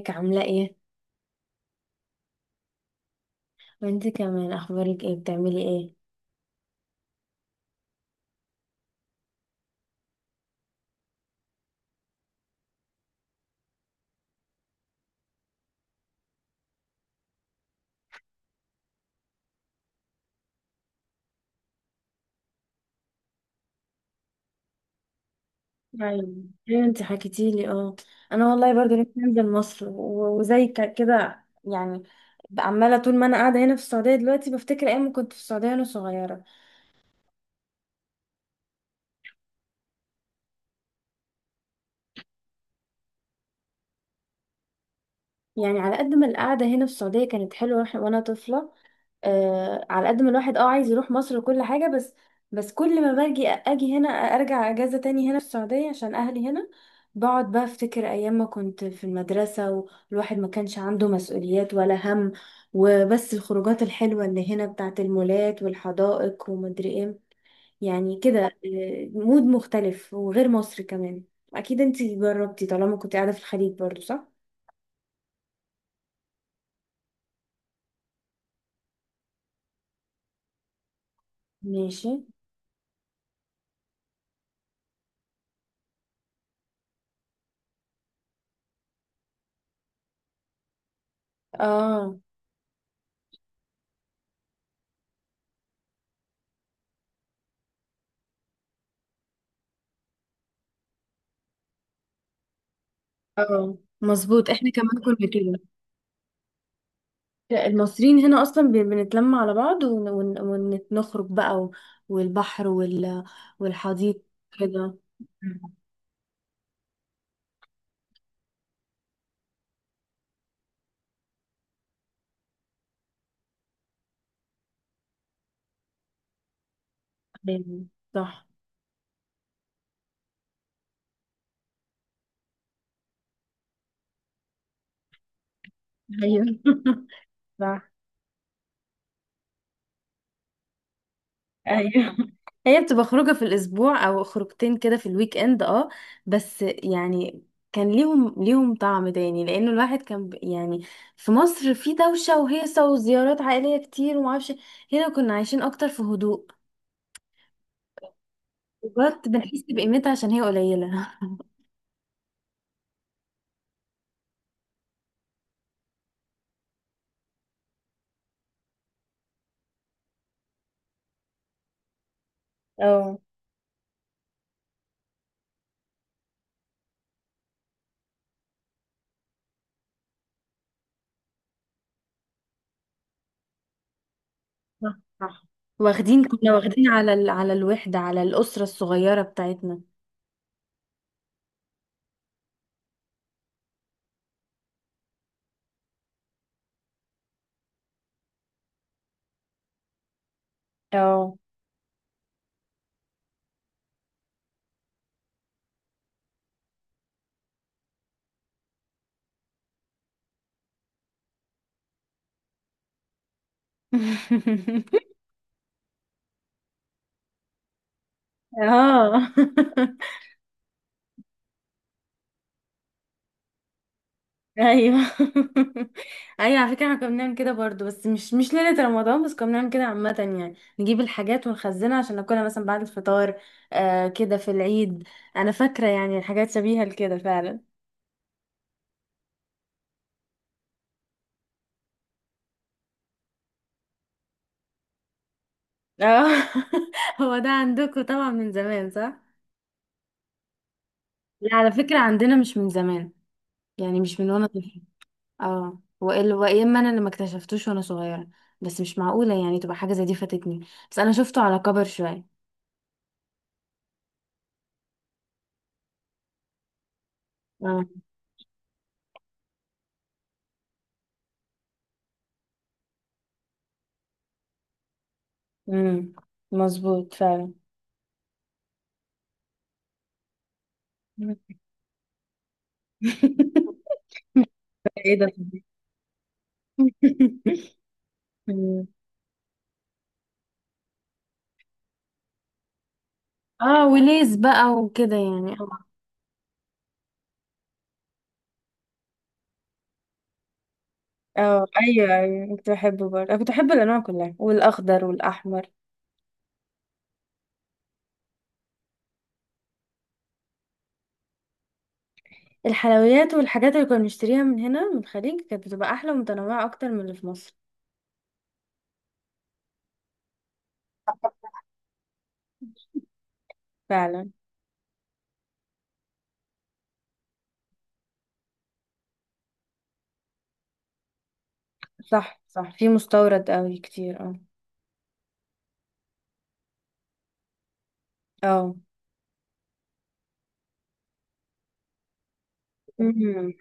ازيك عاملة ايه؟ وانت كمان اخبارك ايه بتعملي ايه؟ ايوه، ايوه، انت حكيتي لي اه. انا والله برضو نفسي انزل مصر وزي كده يعني. بقى عمالة طول ما انا قاعدة هنا في السعودية دلوقتي، بفتكر ايام ما كنت في السعودية وانا صغيرة. يعني على قد ما القعدة هنا في السعودية كانت حلوة وانا طفلة. على قد ما الواحد عايز يروح مصر وكل حاجة، بس بس كل ما باجي اجي هنا ارجع اجازة تاني هنا في السعودية عشان اهلي هنا. بقعد بقى افتكر ايام ما كنت في المدرسة والواحد ما كانش عنده مسؤوليات ولا هم، وبس الخروجات الحلوة اللي هنا بتاعت المولات والحدائق ومدري ايه. يعني كده، مود مختلف وغير مصر كمان. اكيد انتي جربتي طالما كنت قاعدة في الخليج برضو، صح؟ ماشي. اه، اه، مظبوط، احنا كمان كنا كده. لا، المصريين هنا اصلا بنتلم على بعض ونخرج بقى والبحر والحديقه كده. مم. أيوة، صح، ايوه. صح، ايوه، هي بتبقى خروجه في الاسبوع او خروجتين كده في الويك اند اه بس يعني كان ليهم طعم تاني لانه الواحد كان يعني في مصر في دوشه وهيصه وزيارات عائليه كتير ومعرفش. هنا كنا عايشين اكتر في هدوء. وقت بنحس بقيمتها عشان هي قليله. اه، صح، صح، واخدين، كنا واخدين على على الوحدة، على الأسرة الصغيرة بتاعتنا. اه. اه. ايوه. ايوه، على فكره احنا كنا بنعمل كده برضو، بس مش ليله رمضان بس، كنا بنعمل كده عامه. يعني نجيب الحاجات ونخزنها عشان ناكلها مثلا بعد الفطار. كده في العيد. انا فاكره يعني حاجات شبيهه لكده فعلا. اه. هو ده عندكم طبعا من زمان، صح؟ لا، على فكره، عندنا مش من زمان، يعني مش من وانا طفل. اه وإلا وإيه؟ اما انا اللي ما اكتشفتوش وانا صغيره؟ بس مش معقوله يعني تبقى حاجه زي دي فاتتني، بس انا شفته على كبر شويه. اه. امم، مظبوط فعلا. مم. ايه ده. مم. اه، وليز بقى وكده يعني اه اه، ايوه، ايوه، كنت بحبه برضه. انا كنت بحب الانواع كلها، والاخضر والاحمر. الحلويات والحاجات اللي كنا بنشتريها من هنا من الخليج كانت بتبقى احلى ومتنوعه اكتر من اللي في مصر. فعلا. صح، صح، في مستورد قوي كتير اه اه. مم.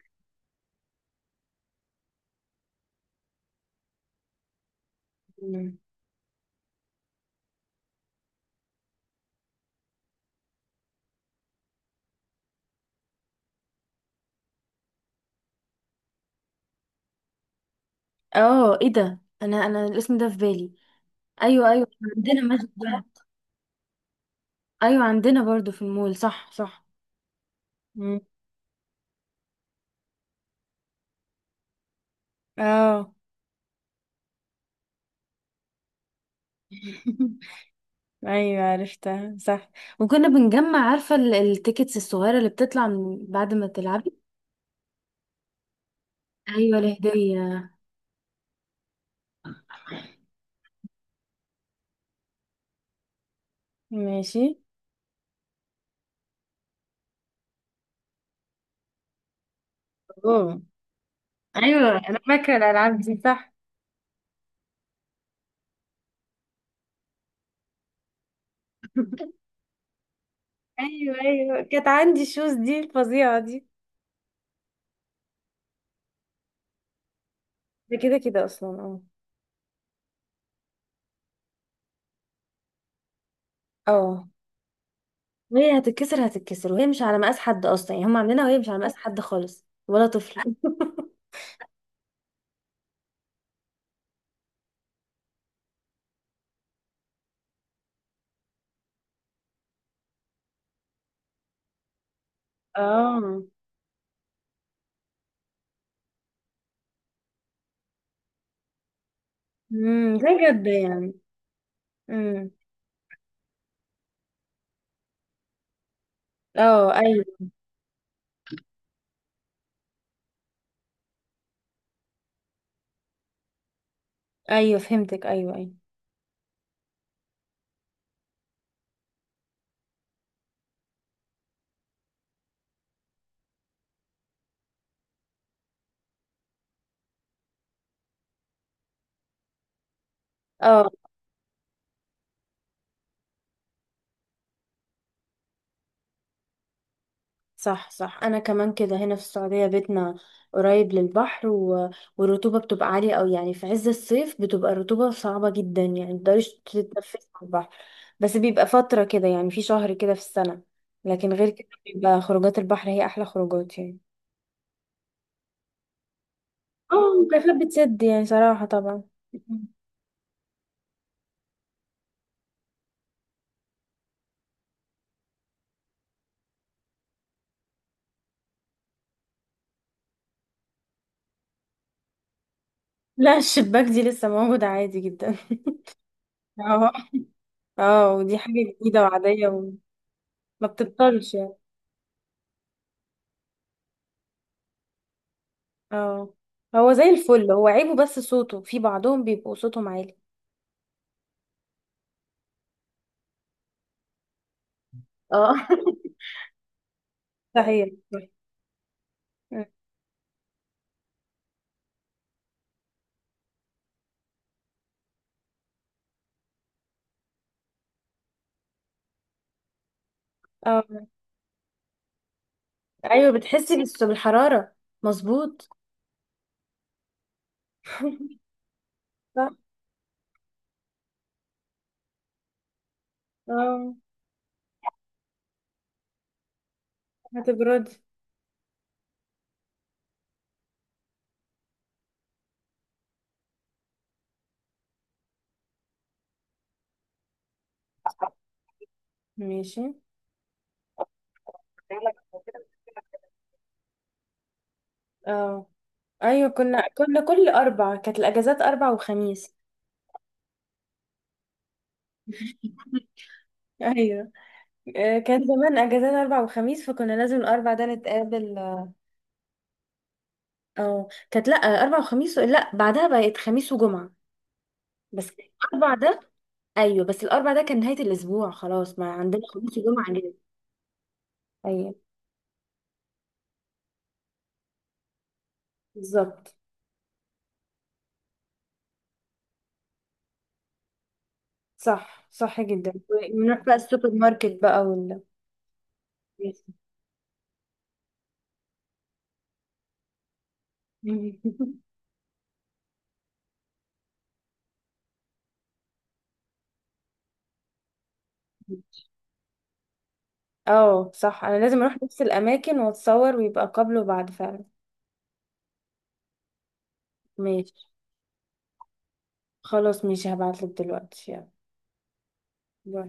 مم. اه، ايه ده، انا الاسم ده في بالي. ايوه، ايوه، عندنا مسجد ده. ايوه، عندنا برضو في المول، صح، صح. مم. اه. ايوه، عرفتها، صح. وكنا بنجمع، عارفه التيكتس الصغيره اللي بتطلع من بعد ما تلعبي. ايوه، الهديه. ماشي. اوه. ايوه، انا فاكره الالعاب دي، صح. ايوه، ايوه، كانت عندي الشوز دي الفظيعه دي. ده كده كده اصلا، اه. اه. وهي هتتكسر، هتتكسر، وهي مش على مقاس حد اصلا، يعني هم عاملينها وهي مش على مقاس حد خالص، ولا طفل. اه. امم، ده جد يعني. امم. اه، ايوه، ايوه، فهمتك، ايوه، ايوه. اه، صح، صح، انا كمان كده. هنا في السعوديه بيتنا قريب للبحر والرطوبه بتبقى عاليه قوي، يعني في عز الصيف بتبقى الرطوبه صعبه جدا، يعني متقدريش تتنفسي على البحر. بس بيبقى فتره كده يعني، في شهر كده في السنه. لكن غير كده بيبقى خروجات البحر هي احلى خروجات يعني. اه، البلاكات بتسد يعني صراحة طبعا. لا، الشباك دي لسه موجودة عادي جدا. اه. اه، ودي حاجة جديدة وعادية وما بتضطرش يعني. اه. هو زي الفل، هو عيبه بس صوته، في بعضهم بيبقوا صوتهم عالي. اه. صحيح. اه، ايوه، بتحسي بس بالحرارة، مظبوط. صح. اه، هتبردي. ماشي. اه، ايوه، كنا كل اربع كانت الاجازات اربع وخميس. ايوه، كان زمان اجازات اربع وخميس، فكنا لازم الاربع ده نتقابل. او كانت، لا اربع وخميس، لا بعدها بقت خميس وجمعه. بس الاربع ده، ايوه بس الاربع ده كان نهايه الاسبوع، خلاص ما عندنا خميس وجمعه اجازه. ايوه. بالظبط. صح، صح جدا. ونروح بقى السوبر ماركت بقى وال... اه، صح، انا لازم اروح نفس الاماكن واتصور ويبقى قبل وبعد، فعلا. ماشي. خلاص، ماشي، هبعتلك دلوقتي، يلا. باي.